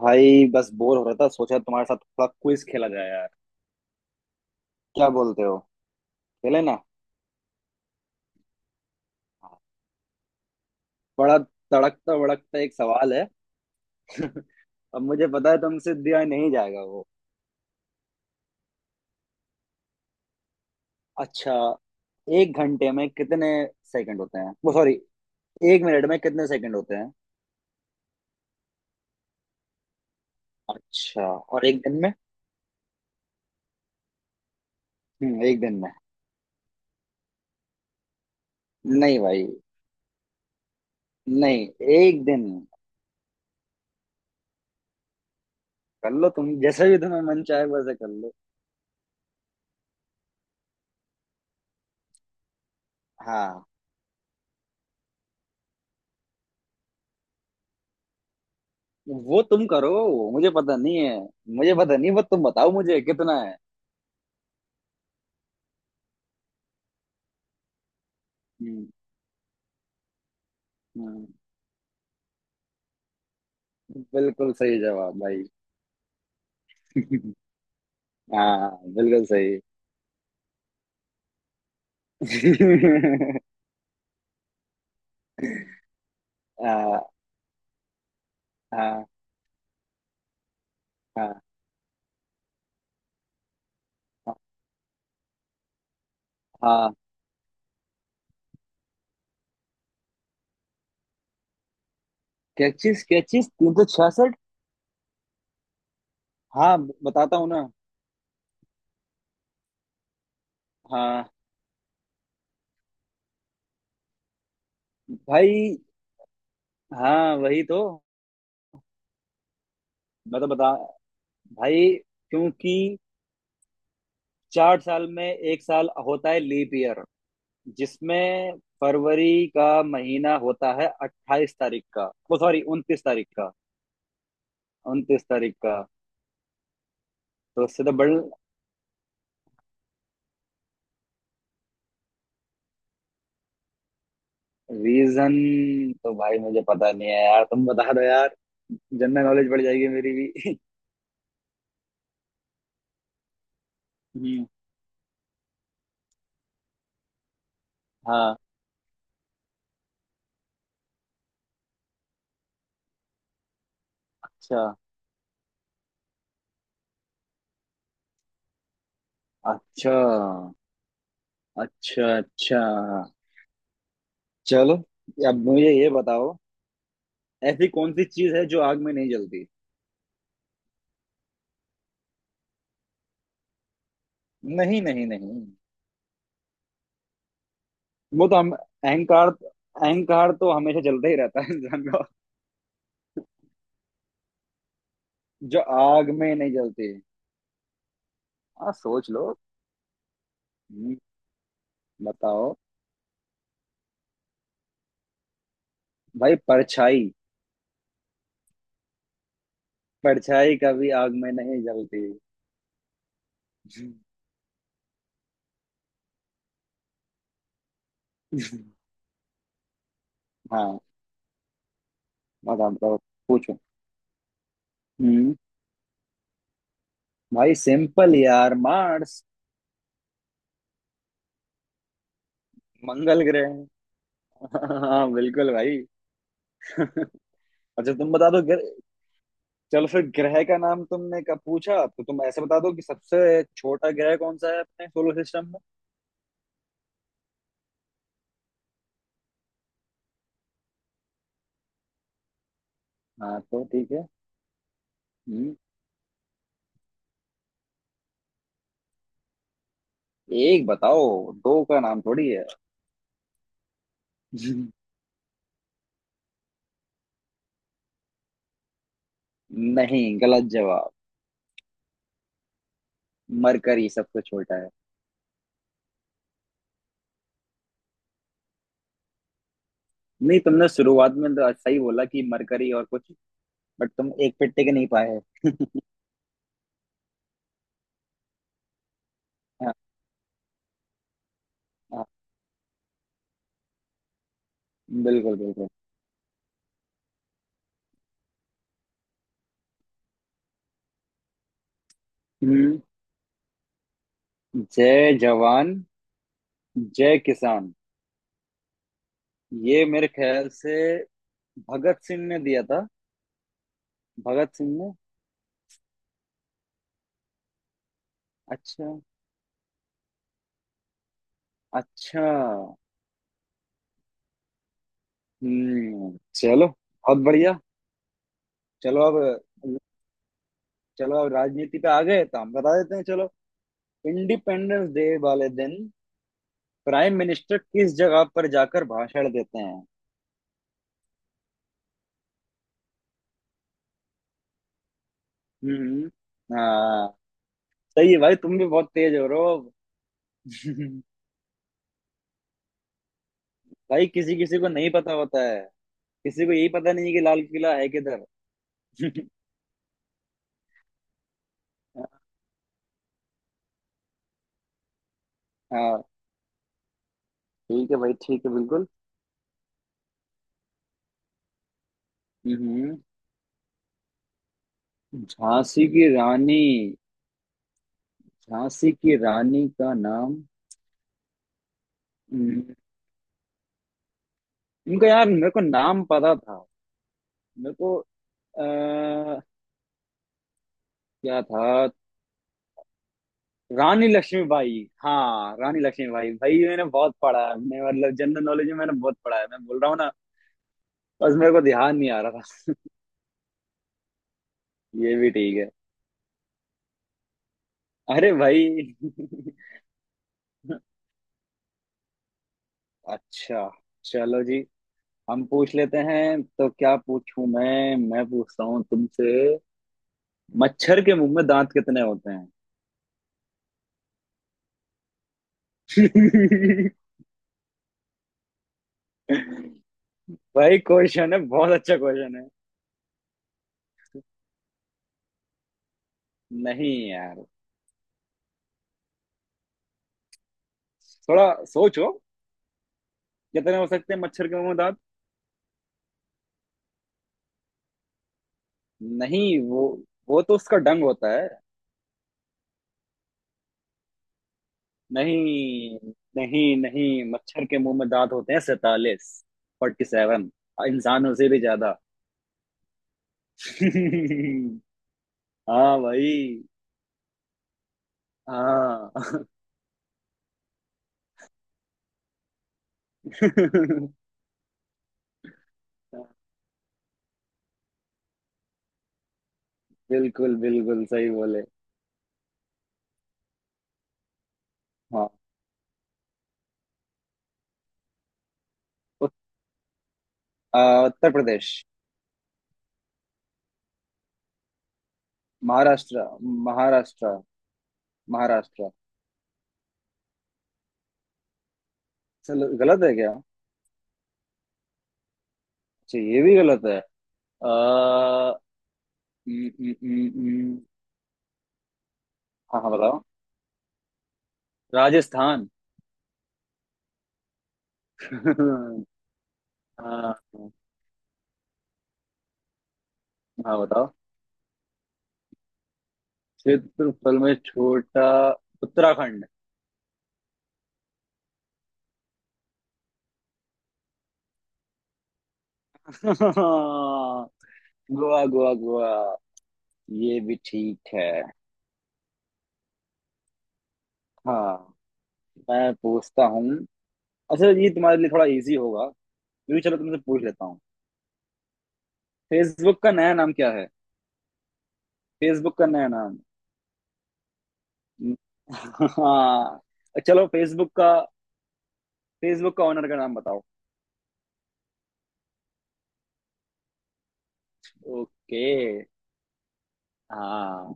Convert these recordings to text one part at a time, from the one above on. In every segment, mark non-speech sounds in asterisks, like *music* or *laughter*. भाई बस बोर हो रहा था सोचा तुम्हारे साथ थोड़ा क्विज खेला जाए यार। क्या बोलते हो? खेले ना। बड़ा तड़कता भड़कता एक सवाल है। *laughs* अब मुझे पता है तुमसे दिया नहीं जाएगा वो। अच्छा, एक घंटे में कितने सेकंड होते हैं वो सॉरी, एक मिनट में कितने सेकंड होते हैं? अच्छा, और एक दिन में? एक दिन में। नहीं भाई। नहीं, एक दिन कर लो तुम जैसे भी तुम्हें मन चाहे वैसे कर लो। हाँ। वो तुम करो, मुझे पता नहीं है। मुझे पता नहीं, बस तुम बताओ मुझे कितना। हम्म, हाँ, बिल्कुल सही जवाब भाई। *laughs* हाँ, बिल्कुल सही। *laughs* हाँ हाँ हाँ हाँ। क्या चीज क्या चीज? 366? हाँ, बताता हूँ ना। हाँ भाई। हाँ वही तो। मैं तो बता। भाई क्योंकि 4 साल में एक साल होता है लीप ईयर, जिसमें फरवरी का महीना होता है 28 तारीख का। ओ सॉरी, 29 तारीख का। 29 तारीख का। तो उससे तो बढ़। रीजन तो भाई मुझे पता नहीं है यार, तुम बता दो यार। जनरल नॉलेज बढ़ जाएगी मेरी भी। *laughs* हम्म, हाँ। अच्छा। अच्छा अच्छा। अच्छा चलो, अब मुझे ये बताओ, ऐसी कौन सी चीज है जो आग में नहीं जलती? नहीं नहीं नहीं। वो तो हम, अहंकार अहंकार तो हमेशा जलता ही रहता है इंसान का। जो आग में नहीं जलती। हाँ सोच लो। हम्म, बताओ। भाई परछाई। परछाई कभी आग में नहीं जलती। *laughs* हाँ। बताओ बताओ। पूछो। हम्म भाई सिंपल यार, मार्स। मंगल ग्रह। हाँ बिल्कुल भाई। अच्छा। तुम बता दो ग्रह। चलो फिर ग्रह का नाम तुमने कब पूछा, तो तुम ऐसे बता दो कि सबसे छोटा ग्रह कौन सा है अपने सोलर सिस्टम में। हाँ तो ठीक है। हम्म एक बताओ, दो का नाम थोड़ी है। *laughs* नहीं गलत जवाब। मरकरी सबसे छोटा है। नहीं, तुमने शुरुआत में तो सही बोला कि मरकरी और कुछ, बट तुम एक पे टिक नहीं पाए। *laughs* हाँ। बिल्कुल बिल्कुल। हम्म, जय जवान जय किसान ये मेरे ख्याल से भगत सिंह ने दिया था। भगत सिंह ने। अच्छा। अच्छा। हम्म, चलो बहुत बढ़िया। चलो अब, चलो अब राजनीति पे आ गए तो हम बता देते हैं चलो। इंडिपेंडेंस डे वाले दिन प्राइम मिनिस्टर किस जगह पर जाकर भाषण देते हैं? हम्म। हाँ। सही है भाई, तुम भी बहुत तेज हो रहे हो। *laughs* भाई किसी किसी को नहीं पता होता है। किसी को यही पता नहीं है कि लाल किला है किधर। *laughs* हाँ। ठीक है भाई, ठीक है बिल्कुल। हम्म झांसी की रानी। झांसी की रानी का नाम। हम्म, उनका यार मेरे को नाम पता था। मेरे को आ, क्या था। रानी लक्ष्मीबाई। हाँ, रानी लक्ष्मीबाई भाई, ये मैंने बहुत पढ़ा है, मैंने मतलब जनरल नॉलेज में मैंने बहुत पढ़ा है, मैं बोल रहा हूँ ना। बस मेरे को ध्यान नहीं आ रहा था। ये भी ठीक है। अरे भाई। *laughs* अच्छा, चलो जी, हम पूछ लेते हैं तो क्या पूछूं मैं पूछता हूँ तुमसे, मच्छर के मुंह में दांत कितने होते हैं? *laughs* भाई क्वेश्चन है, बहुत अच्छा क्वेश्चन है। नहीं यार, थोड़ा सोचो, कितने हो सकते हैं मच्छर के मुंह में दांत? नहीं वो तो उसका डंग होता है। नहीं नहीं नहीं, मच्छर के मुंह में दांत होते हैं 47, 47, इंसानों से भी ज्यादा। *laughs* हाँ भाई। हाँ। *laughs* बिल्कुल बिल्कुल सही बोले। हाँ। उत- उत्तर प्रदेश। महाराष्ट्र। महाराष्ट्र। महाराष्ट्र। चलो गलत है क्या? अच्छा ये भी गलत है। न, न, न, हाँ हाँ बताओ। राजस्थान। *laughs* हाँ। हाँ बताओ। क्षेत्रफल में छोटा उत्तराखंड। *laughs* गोवा गोवा गोवा। ये भी ठीक है। हाँ, मैं पूछता हूँ। अच्छा ये तुम्हारे लिए थोड़ा इजी होगा, क्योंकि चलो तुमसे पूछ लेता हूँ, फेसबुक का नया नाम क्या है? फेसबुक का नया नाम। हाँ चलो, फेसबुक का, फेसबुक का ओनर का नाम बताओ। ओके। हाँ।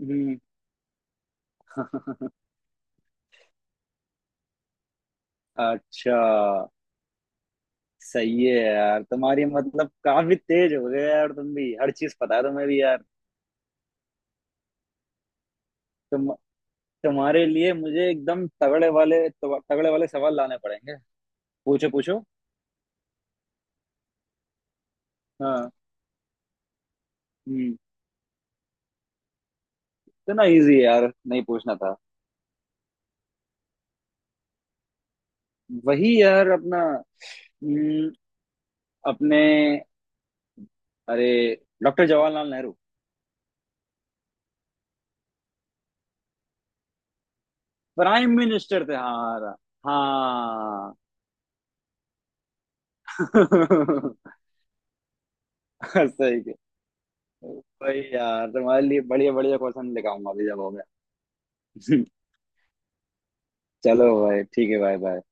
हम्म, अच्छा। सही है यार, तुम्हारी मतलब काफी तेज हो गए यार, तुम भी हर चीज पता है तुम्हें भी यार। तुम, तुम्हारे लिए मुझे एकदम तगड़े वाले, तगड़े वाले सवाल लाने पड़ेंगे। पूछो पूछो। हाँ। हम्म इतना इजी है यार, नहीं पूछना था। वही यार अपना, हम्म, अपने, अरे, doctor Jawaharlal Nehru. Prime minister थे हमारा। हाँ। *laughs* सही है भाई, यार तुम्हारे लिए बढ़िया बढ़िया क्वेश्चन लेकर आऊंगा अभी जब हो गया। *laughs* चलो भाई ठीक है भाई।